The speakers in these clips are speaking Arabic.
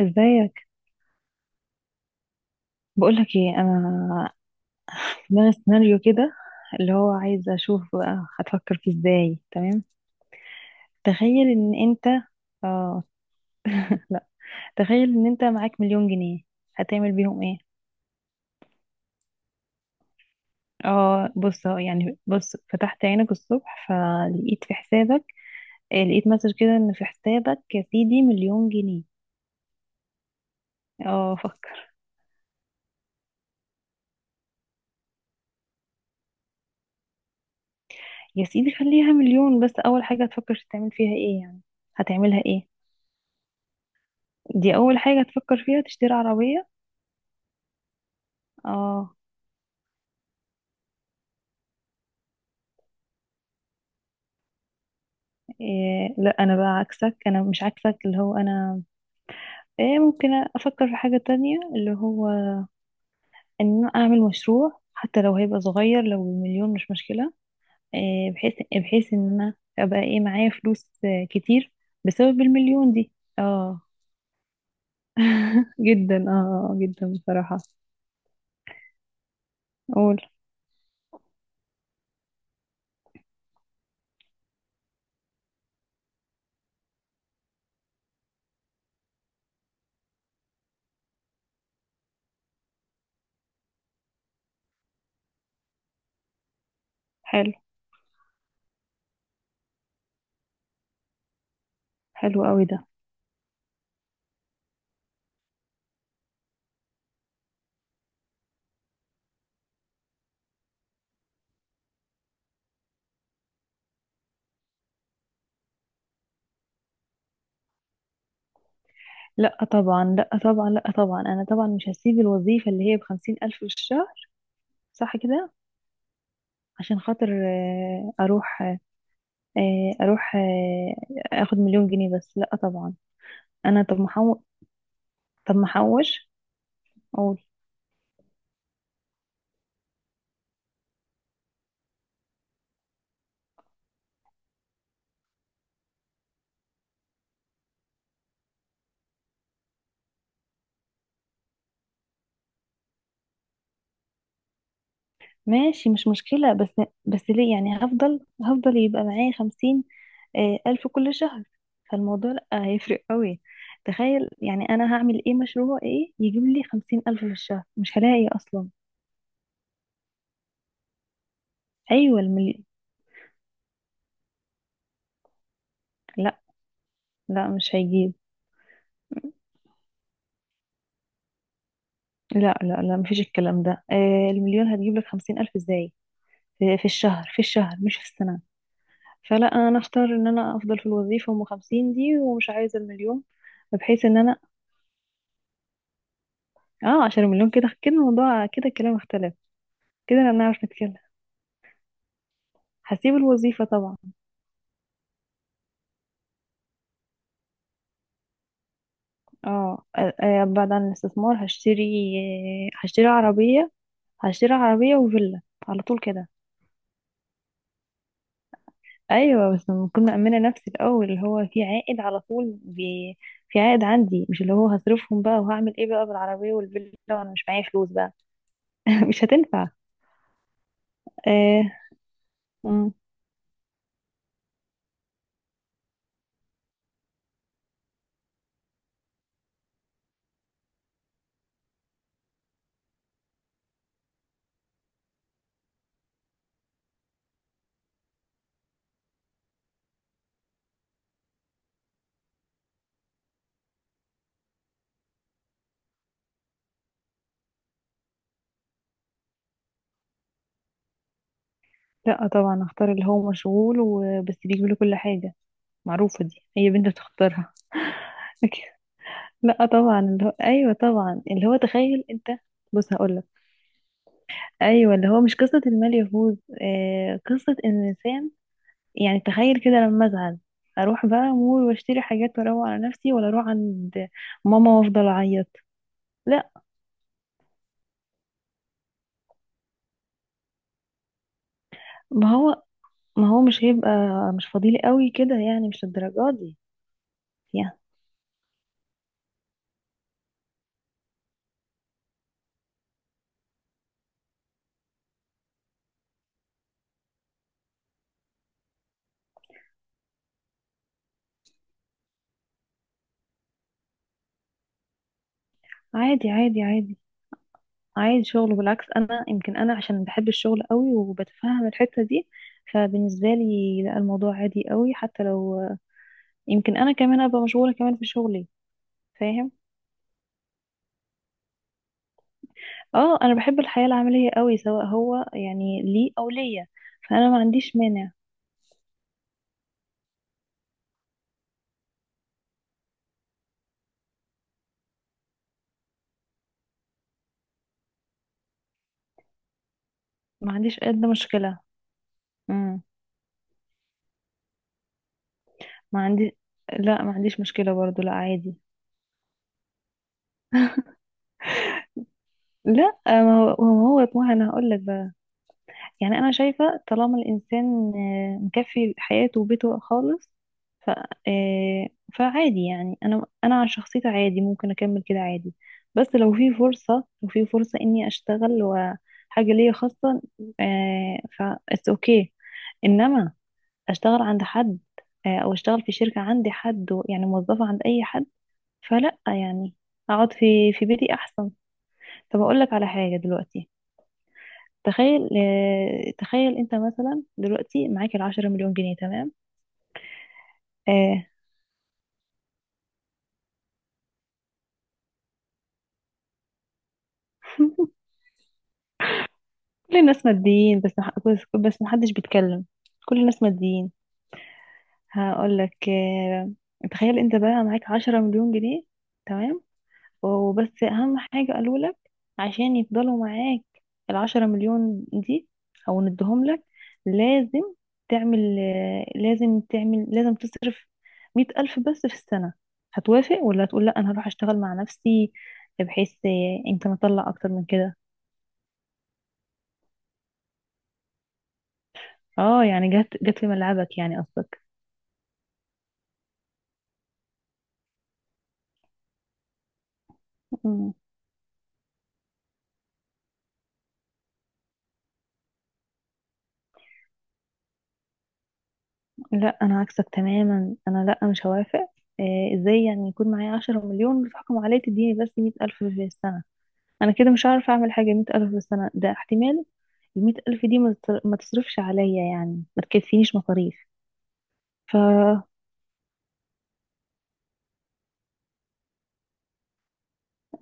ازيك؟ بقولك ايه، انا في دماغي سيناريو كده، اللي هو عايزه اشوف بقى هتفكر فيه ازاي، تمام؟ تخيل ان انت اه تخيل ان انت معاك مليون جنيه، هتعمل بيهم ايه؟ اه، بص اهو، يعني بص، فتحت عينك الصبح فلقيت في حسابك، لقيت مسج كده ان في حسابك يا سيدي مليون جنيه. اه، فكر. يا سيدي خليها مليون، بس اول حاجه هتفكر تعمل فيها ايه يعني؟ هتعملها ايه؟ دي اول حاجه هتفكر فيها، تشتري عربيه؟ اه. إيه، لا انا بقى عكسك، انا مش عكسك، اللي هو انا، إيه، ممكن افكر في حاجة تانية اللي هو ان أنا اعمل مشروع، حتى لو هيبقى صغير، لو بمليون مش مشكلة. إيه، بحيث ان انا ابقى ايه، معايا فلوس كتير بسبب المليون دي. اه. جدا، اه. جدا بصراحة. قول. حلو. حلو قوي ده. لا طبعا، لا طبعا، لا طبعا، انا طبعا مش هسيب الوظيفة اللي هي بخمسين الف في الشهر. صح كده؟ عشان خاطر اروح، اروح اخد مليون جنيه بس؟ لا طبعا. انا، طب محوش. طب محوش. اقول. ماشي، مش مشكلة، بس ليه، يعني هفضل يبقى معايا خمسين الف كل شهر. فالموضوع لا هيفرق قوي. تخيل يعني، انا هعمل ايه، مشروع ايه يجيب لي خمسين الف في الشهر، مش هلاقي اصلا. ايوه، المليون. لا، لا مش هيجيب. لا، لا، لا، مفيش الكلام ده، المليون هتجيب لك 50 ألف ازاي؟ في الشهر، في الشهر مش في السنة. فلا، انا اختار ان انا افضل في الوظيفه ام 50 دي ومش عايزه المليون. بحيث ان انا، اه، عشان المليون كده كده، الموضوع كده، الكلام اختلف. كده انا بنعرف نتكلم. هسيب الوظيفه طبعا. اه، بعد عن الاستثمار هشتري. هشتري عربيه. هشتري عربيه وفيلا، على طول كده. ايوه، بس لما اكون مأمنه نفسي الاول، اللي هو في عائد على طول، بي... في عائد عندي، مش اللي هو هصرفهم بقى وهعمل ايه بقى بالعربيه والفيلا وانا مش معايا فلوس بقى. مش هتنفع. آه. لا طبعا، اختار اللي هو مشغول وبس بيجيب له كل حاجه. معروفه، دي هي بنت بتختارها. لكن- لا طبعا اللي هو، ايوه طبعا، اللي هو تخيل انت. بص هقول لك. ايوه، اللي هو مش قصه المال يفوز، قصه ان الانسان، يعني تخيل كده لما ازعل، اروح بقى مول واشتري حاجات واروق على نفسي، ولا اروح عند ماما وافضل اعيط. لا. ما هو ما هو مش هيبقى مش فضيلي قوي كده، يعني مش الدرجات دي. يعني عادي، عادي، عادي. عايز شغل، بالعكس انا، يمكن انا عشان بحب الشغل قوي وبتفهم الحتة دي، فبالنسبة لي لا، الموضوع عادي قوي، حتى لو يمكن انا كمان ابقى مشغولة كمان في شغلي. فاهم؟ اه، انا بحب الحياة العملية قوي، سواء هو يعني لي او ليا. فانا ما عنديش مانع. ما عنديش قد مشكلة. امم. ما عندي. لا، ما عنديش مشكلة برضو، لا عادي. لا، ما هو يا طه انا هقول لك. يعني انا شايفة طالما الانسان مكفي حياته وبيته خالص، ف... آه، فعادي يعني، انا عن شخصيتي عادي، ممكن اكمل كده عادي. بس لو في فرصة، لو في فرصة اني اشتغل وحاجة ليا خاصة، ف it's اوكي. انما اشتغل عند حد، او اشتغل في شركة عندي حد و-، يعني موظفة عند اي حد، فلا، يعني اقعد في بيتي احسن. طب اقول لك على حاجة دلوقتي. تخيل انت مثلا دلوقتي معاك العشرة مليون جنيه، تمام؟ آه. كل الناس ماديين، بس محدش بيتكلم. كل الناس ماديين. هقول لك تخيل انت بقى معاك عشرة مليون جنيه، تمام. وبس اهم حاجة قالوا لك عشان يفضلوا معاك العشرة مليون دي، او ندهم لك، لازم تعمل لازم تصرف مية ألف بس في السنة. هتوافق ولا هتقول لا، انا هروح اشتغل مع نفسي، بحيث يمكن اطلع اكتر من كده؟ اه، يعني جت جت في ملعبك، يعني قصدك؟ مم. لا، انا عكسك تماما، انا لا مش هوافق. إيه، ازاي يعني يكون معايا عشرة مليون وتحكم عليا تديني بس مية ألف في السنة؟ انا كده مش هعرف اعمل حاجه، 100,000 في السنه ده احتمال. ال 100,000 دي ما تصرفش عليا، يعني ما تكفينيش مصاريف. ف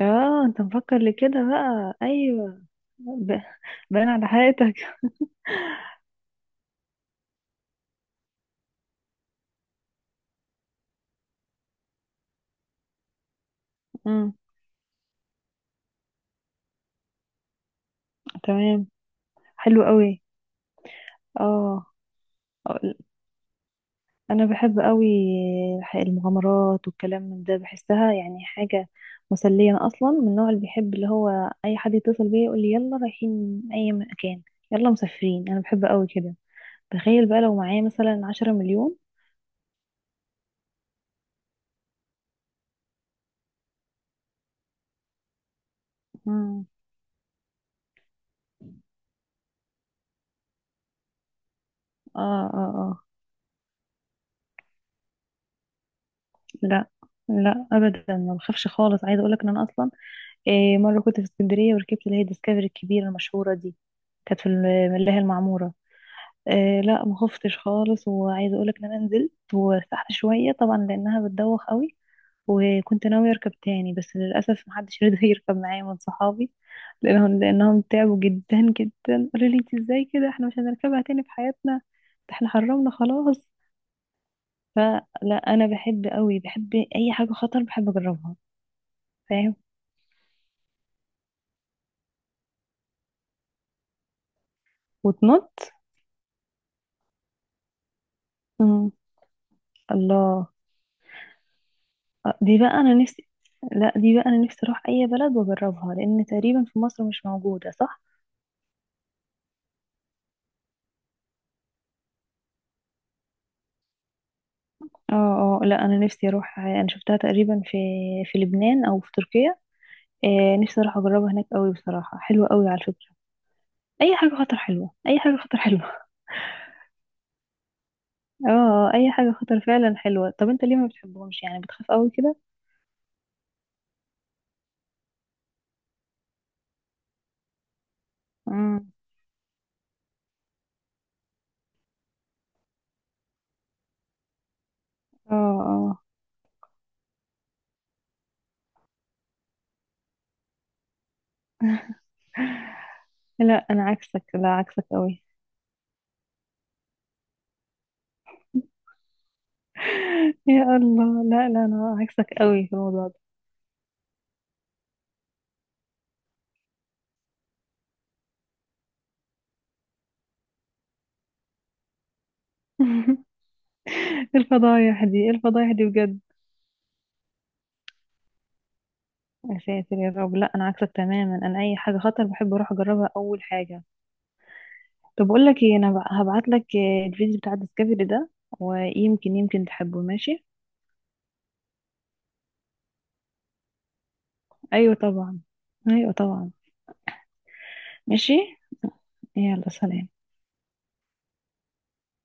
اه، انت مفكر لكده بقى؟ ايوه. ب... باين على حياتك. امم. تمام. حلو قوي. اه، أقول- انا بحب قوي المغامرات والكلام من ده، بحسها يعني حاجه مسليه. انا اصلا من النوع اللي بيحب اللي هو، اي حد يتصل بيا يقول لي يلا رايحين اي مكان، يلا مسافرين، انا بحب قوي كده. تخيل بقى لو معايا مثلا عشرة مليون. مم. اه، اه، اه. لا، لا ابدا، ما بخافش خالص. عايزه اقول لك ان انا اصلا، إيه، مره كنت في اسكندريه وركبت اللي هي الديسكفري الكبيره المشهوره دي، كانت في الملاهي المعموره. إيه، لا ما خفتش خالص، وعايزه اقول لك ان انا نزلت وارتحت شويه طبعا لانها بتدوخ قوي. وكنت ناوية أركب تاني، بس للأسف محدش رضى يركب معايا من صحابي. لأنهم تعبوا جدا جدا، قالوا لي انت ازاي كده، احنا مش هنركبها تاني في حياتنا، ده احنا حرمنا خلاص. فلا، أنا بحب قوي، بحب أي حاجة خطر، بحب أجربها. فاهم؟ وتنط. مم. الله. دي بقى أنا نفسي. لا، دي بقى أنا نفسي أروح أي بلد وأجربها، لأن تقريبا في مصر مش موجودة، صح؟ اه. اه، لا أنا نفسي أروح. أنا شفتها تقريبا في في لبنان أو في تركيا. نفسي اروح اجربها هناك قوي، بصراحه حلوه قوي على فكره. اي حاجه خطر حلوه، اي حاجه خطر حلوه. اه، اي حاجه خطر فعلا حلوه. طب انت ليه ما بتحبهمش، يعني بتخاف قوي كده؟ امم. اه، اه، لا انا عكسك، لا عكسك قوي. يا الله، لا، لا انا عكسك قوي في الموضوع ده. الفضايح دي، إيه الفضايح دي بجد! يا ساتر يا رب، لا انا عكسك تماما، انا اي حاجه خطر بحب اروح اجربها اول حاجه. طب اقول لك ايه، انا هبعت لك، الفيديو بتاع الديسكفري ده، ويمكن يمكن تحبه، ماشي؟ ايوه طبعا. ايوه طبعا. ماشي. يلا، سلام.